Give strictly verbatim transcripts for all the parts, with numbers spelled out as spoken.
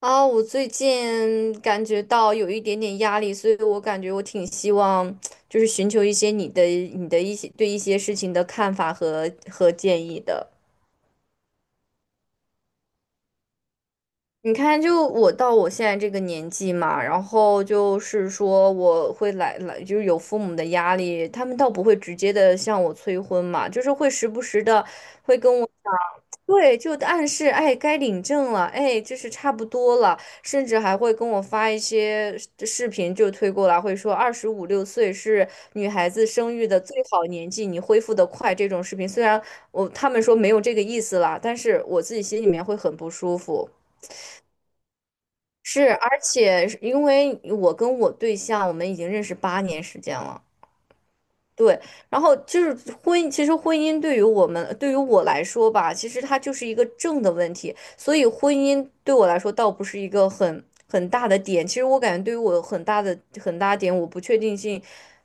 啊，我最近感觉到有一点点压力，所以我感觉我挺希望，就是寻求一些你的、你的一些对一些事情的看法和和建议的。你看，就我到我现在这个年纪嘛，然后就是说我会来来，就是有父母的压力，他们倒不会直接的向我催婚嘛，就是会时不时的会跟我。对，就暗示，哎，该领证了，哎，就是差不多了，甚至还会跟我发一些视视频，就推过来，会说二十五六岁是女孩子生育的最好年纪，你恢复得快这种视频。虽然我他们说没有这个意思啦，但是我自己心里面会很不舒服。是，而且是因为我跟我对象，我们已经认识八年时间了。对，然后就是婚姻，其实婚姻对于我们，对于我来说吧，其实它就是一个正的问题，所以婚姻对我来说倒不是一个很很大的点。其实我感觉对于我很大的很大点，我不确定性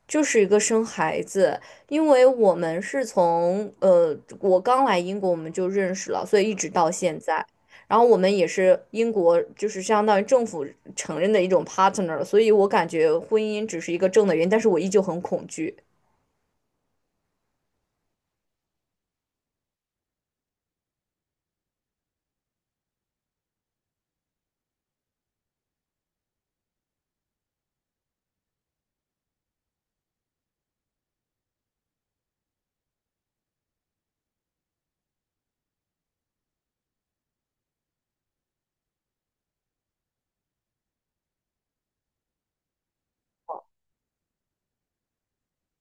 就是一个生孩子，因为我们是从呃我刚来英国我们就认识了，所以一直到现在。然后我们也是英国，就是相当于政府承认的一种 partner，所以我感觉婚姻只是一个正的原因，但是我依旧很恐惧。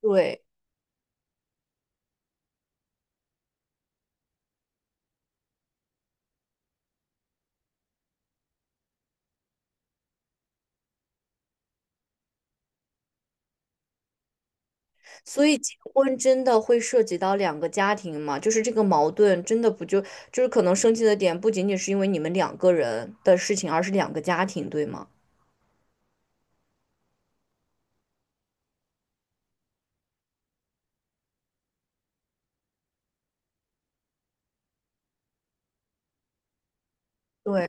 对，所以结婚真的会涉及到两个家庭嘛？就是这个矛盾真的不就就是可能生气的点不仅仅是因为你们两个人的事情，而是两个家庭，对吗？对，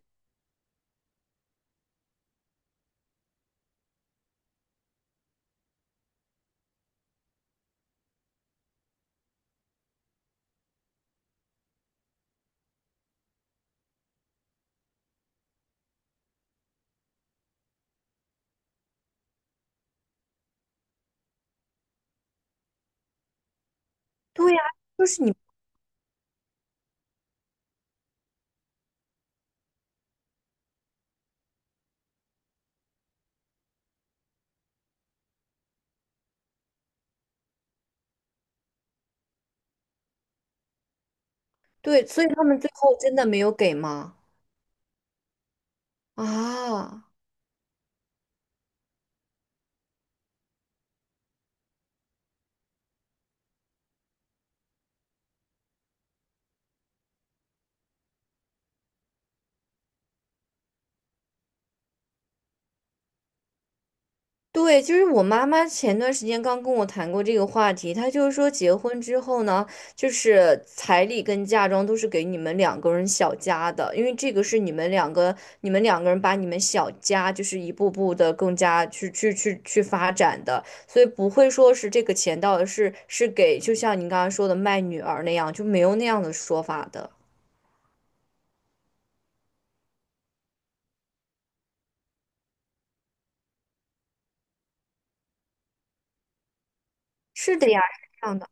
对呀，就是你，对，所以他们最后真的没有给吗？啊。对，就是我妈妈前段时间刚跟我谈过这个话题，她就是说结婚之后呢，就是彩礼跟嫁妆都是给你们两个人小家的，因为这个是你们两个，你们两个人把你们小家就是一步步的更加去去去去发展的，所以不会说是这个钱到底是是给，就像您刚刚说的卖女儿那样，就没有那样的说法的。是的呀，是这样的。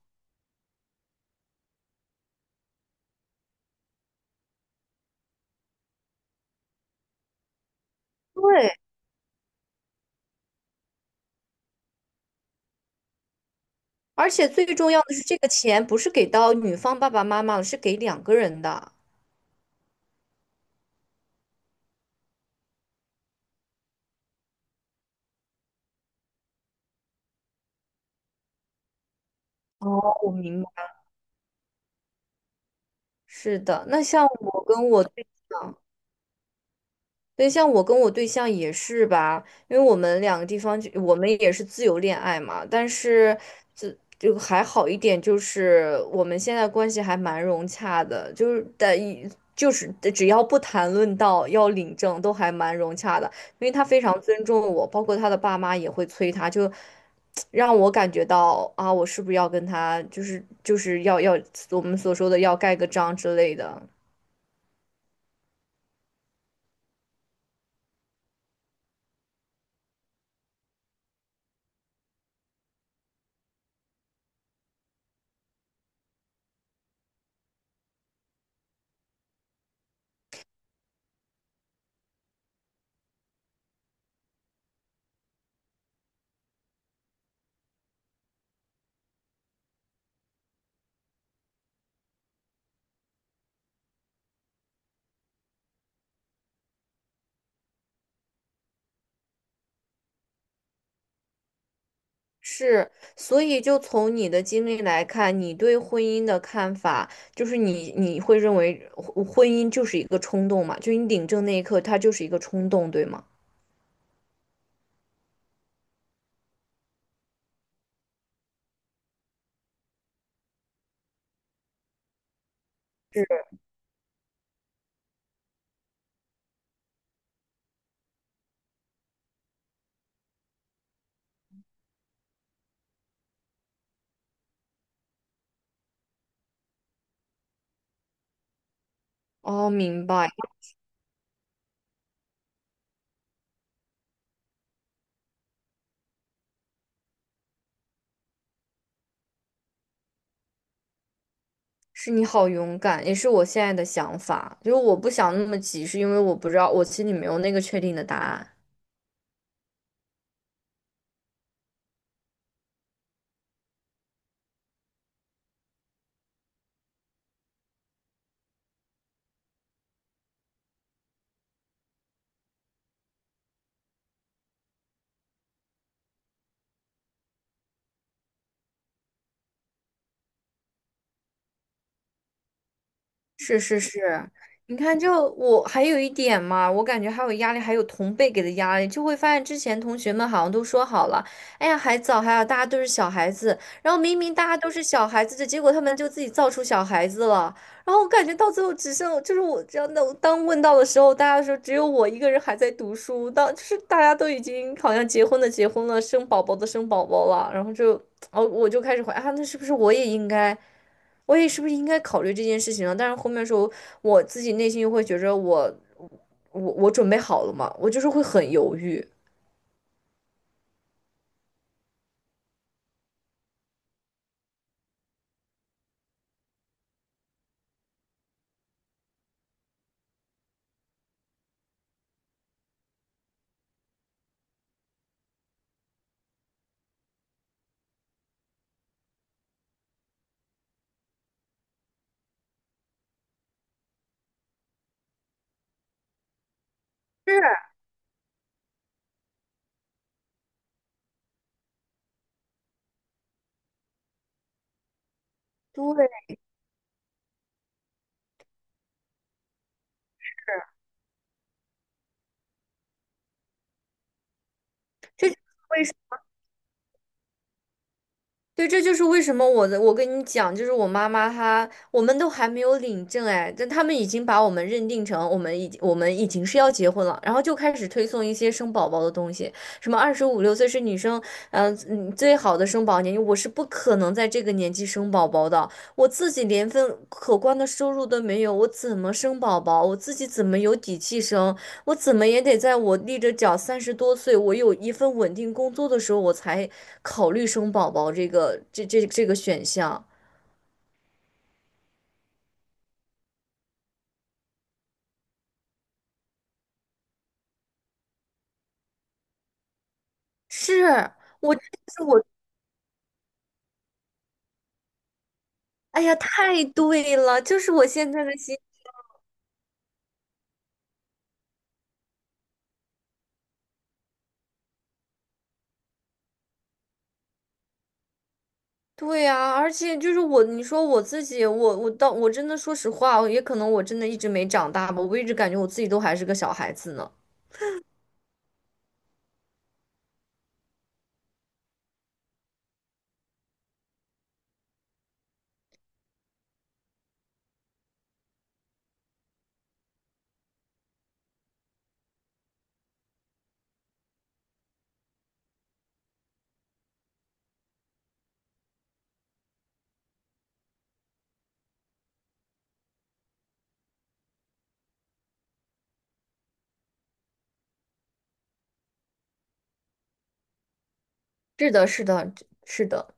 对，而且最重要的是，这个钱不是给到女方爸爸妈妈了是给两个人的。哦，我明白。是的，那像我跟我对，对像我跟我对象也是吧，因为我们两个地方就，我们也是自由恋爱嘛，但是这就还好一点，就是我们现在关系还蛮融洽的，就是但一就是只要不谈论到要领证，都还蛮融洽的，因为他非常尊重我，包括他的爸妈也会催他，就 让我感觉到啊，我是不是要跟他，就是就是要要我们所说的要盖个章之类的。是，所以就从你的经历来看，你对婚姻的看法，就是你你会认为婚婚姻就是一个冲动嘛？就你领证那一刻，它就是一个冲动，对吗？哦，明白，是你好勇敢，也是我现在的想法。就是我不想那么急，是因为我不知道，我心里没有那个确定的答案。是是是，你看就，我还有一点嘛，我感觉还有压力，还有同辈给的压力，就会发现之前同学们好像都说好了，哎呀，还早，还有大家都是小孩子，然后明明大家都是小孩子的，结果他们就自己造出小孩子了，然后我感觉到最后只剩就是我这样的，当问到的时候，大家说只有我一个人还在读书，当就是大家都已经好像结婚的结婚了，生宝宝的生宝宝了，然后就哦，我就开始怀啊，那是不是我也应该？我也是不是应该考虑这件事情啊？但是后面的时候，我自己内心又会觉着我我我准备好了嘛，我就是会很犹豫。是，对，这就是为对，这就是为什么我的，我跟你讲，就是我妈妈她，我们都还没有领证哎，但他们已经把我们认定成我们已我们已经是要结婚了，然后就开始推送一些生宝宝的东西，什么二十五六岁是女生，嗯、嗯最好的生宝年龄，我是不可能在这个年纪生宝宝的，我自己连份可观的收入都没有，我怎么生宝宝？我自己怎么有底气生？我怎么也得在我立着脚三十多岁，我有一份稳定工作的时候，我才考虑生宝宝这个这这这个选项。是我，就是我，哎呀，太对了，就是我现在的心。对呀，而且就是我，你说我自己，我我到我真的说实话，也可能我真的一直没长大吧，我一直感觉我自己都还是个小孩子呢。是的，是的，是的，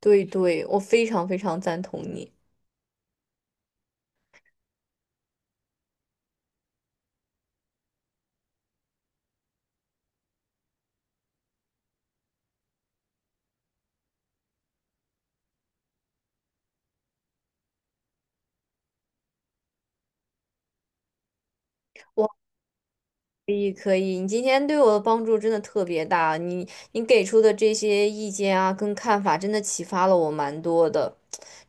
对对，我非常非常赞同你。我。可以可以，你今天对我的帮助真的特别大，你你给出的这些意见啊，跟看法真的启发了我蛮多的，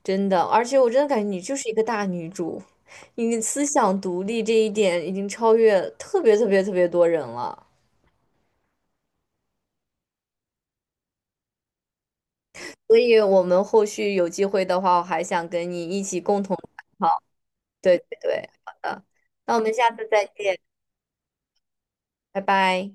真的，而且我真的感觉你就是一个大女主，你的思想独立这一点已经超越特别特别特别多人了，所以我们后续有机会的话，我还想跟你一起共同探讨。对对对，好的，那我们下次再见，拜拜。